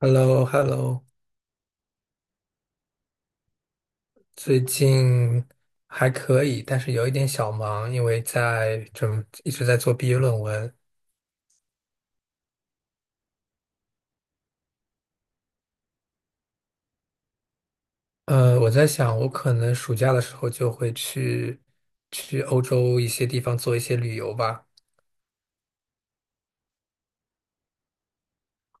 h e l l o h e l l o 最近还可以，但是有一点小忙，因为一直在做毕业论文。我在想，我可能暑假的时候就会去欧洲一些地方做一些旅游吧。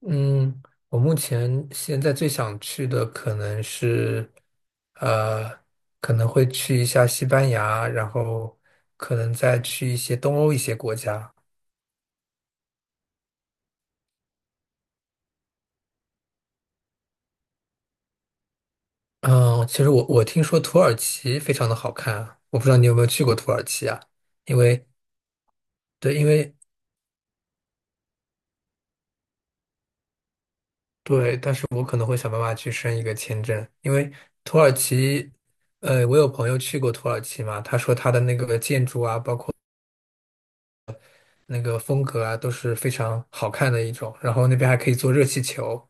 嗯，我目前现在最想去的可能是，呃，可能会去一下西班牙，然后可能再去一些东欧一些国家。嗯，其实我听说土耳其非常的好看啊，我不知道你有没有去过土耳其啊？因为对，对，但是我可能会想办法去申一个签证，因为土耳其，我有朋友去过土耳其嘛，他说他的那个建筑啊，包括，那个风格啊，都是非常好看的一种。然后那边还可以做热气球，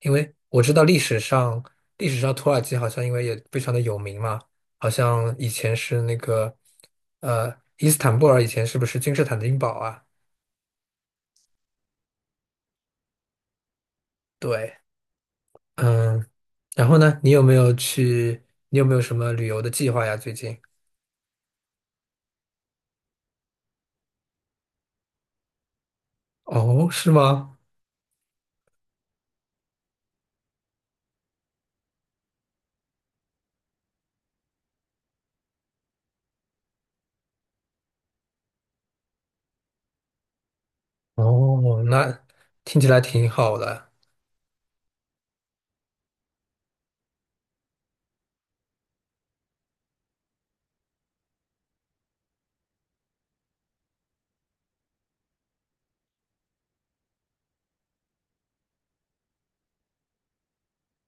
因为我知道历史上土耳其好像因为也非常的有名嘛，好像以前是那个，伊斯坦布尔以前是不是君士坦丁堡啊？对，嗯，然后呢，你有没有去？你有没有什么旅游的计划呀？最近？哦，是吗？哦，那听起来挺好的。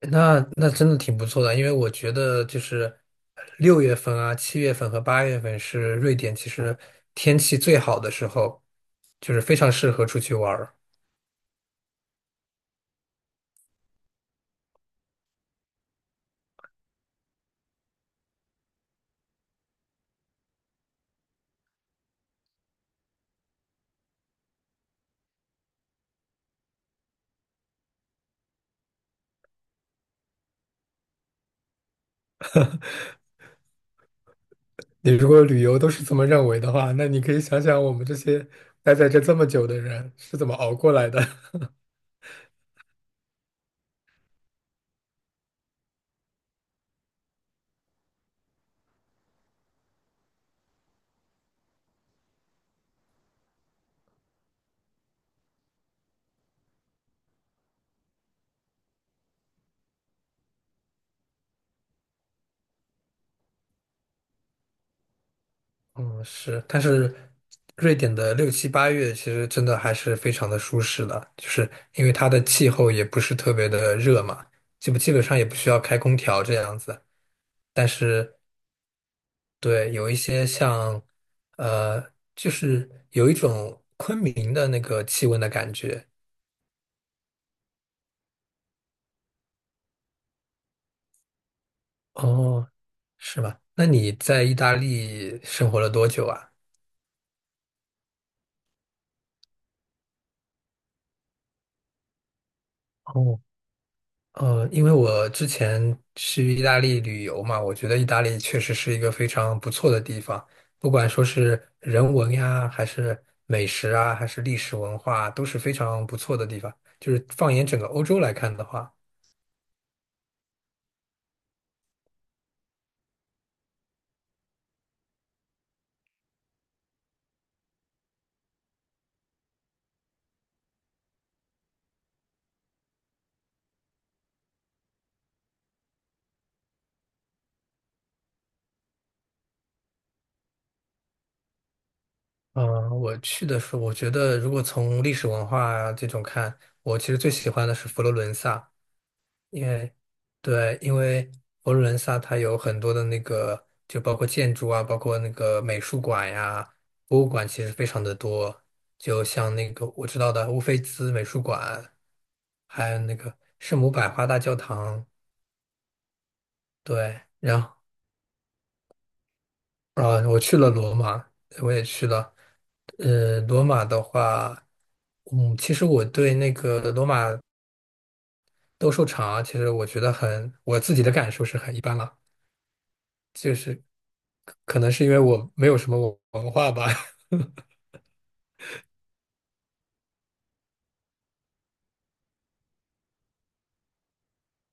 那真的挺不错的，因为我觉得就是6月份啊、7月份和8月份是瑞典其实天气最好的时候，就是非常适合出去玩儿。你如果旅游都是这么认为的话，那你可以想想我们这些待在这这么久的人是怎么熬过来的。嗯，是，但是瑞典的六七八月其实真的还是非常的舒适的，就是因为它的气候也不是特别的热嘛，基本上也不需要开空调这样子。但是对，有一些像，就是有一种昆明的那个气温的感觉。哦，是吗？那你在意大利生活了多久啊？哦，因为我之前去意大利旅游嘛，我觉得意大利确实是一个非常不错的地方，不管说是人文呀，还是美食啊，还是历史文化，都是非常不错的地方。就是放眼整个欧洲来看的话，嗯、我去的时候，我觉得如果从历史文化这种看，我其实最喜欢的是佛罗伦萨，因为对，因为佛罗伦萨它有很多的那个，就包括建筑啊，包括那个美术馆呀、博物馆，其实非常的多。就像那个我知道的乌菲兹美术馆，还有那个圣母百花大教堂。对，然后啊，我去了罗马，我也去了。罗马的话，其实我对那个罗马斗兽场啊，其实我觉得很，我自己的感受是很一般了。就是，可能是因为我没有什么文化吧。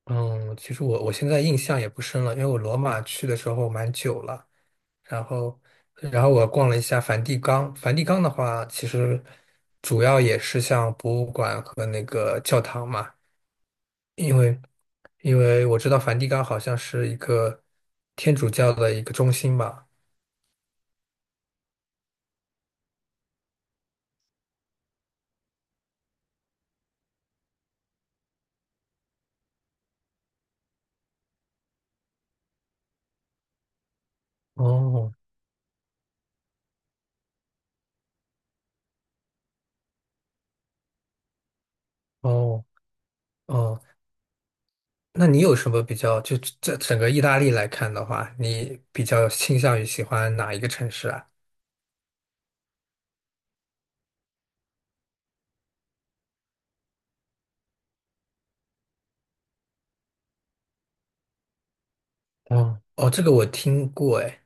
嗯，其实我现在印象也不深了，因为我罗马去的时候蛮久了，然后然后我逛了一下梵蒂冈。梵蒂冈的话，其实主要也是像博物馆和那个教堂嘛，因为因为我知道梵蒂冈好像是一个天主教的一个中心吧。哦哦哦，那你有什么比较，就这整个意大利来看的话，你比较倾向于喜欢哪一个城市啊？哦哦，这个我听过，哎，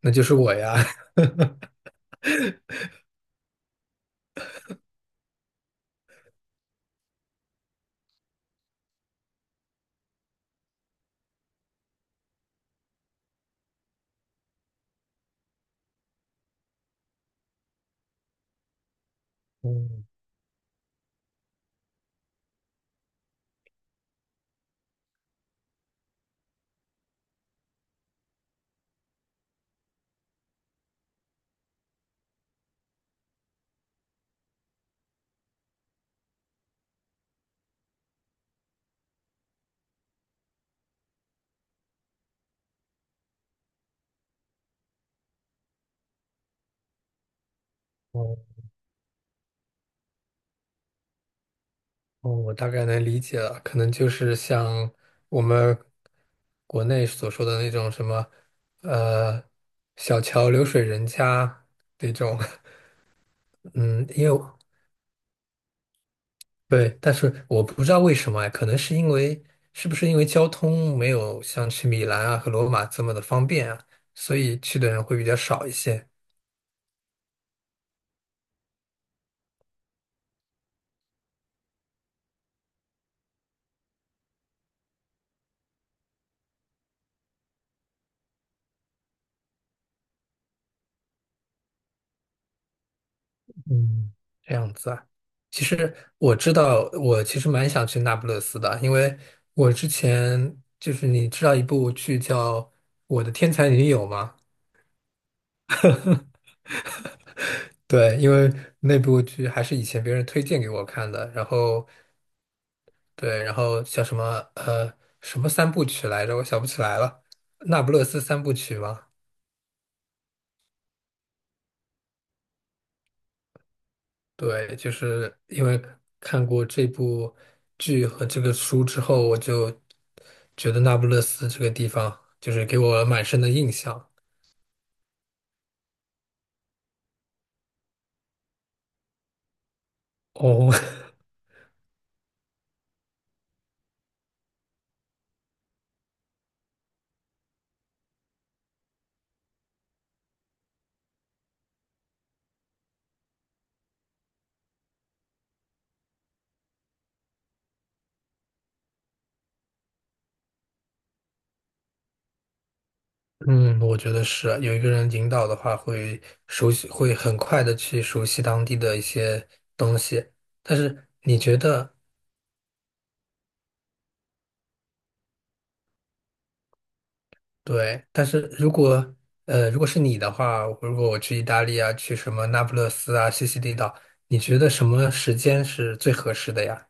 那就是我呀。嗯，哦哦，我大概能理解了，可能就是像我们国内所说的那种什么，呃，小桥流水人家那种。嗯，因为对，但是我不知道为什么哎，可能是因为是不是因为交通没有像去米兰啊和罗马这么的方便啊，所以去的人会比较少一些。嗯，这样子啊。其实我知道，我其实蛮想去那不勒斯的，因为我之前就是你知道一部剧叫《我的天才女友》吗？对，因为那部剧还是以前别人推荐给我看的，然后对，然后叫什么呃什么三部曲来着，我想不起来了，《那不勒斯三部曲》吗？对，就是因为看过这部剧和这个书之后，我就觉得那不勒斯这个地方就是给我蛮深的印象。哦，嗯，我觉得是有一个人引导的话，会熟悉，会很快的去熟悉当地的一些东西。但是你觉得，对，但是如果是你的话，如果我去意大利啊，去什么那不勒斯啊、西西里岛，你觉得什么时间是最合适的呀？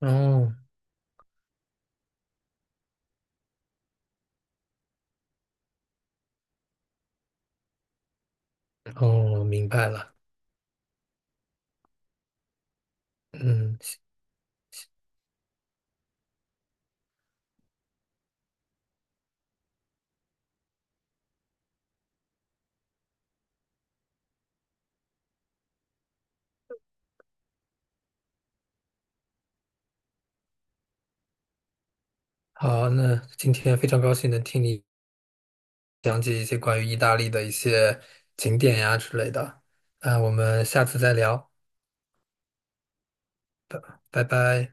哦哦，明白了。嗯，好，那今天非常高兴能听你讲解一些关于意大利的一些景点呀之类的。那我们下次再聊，拜拜。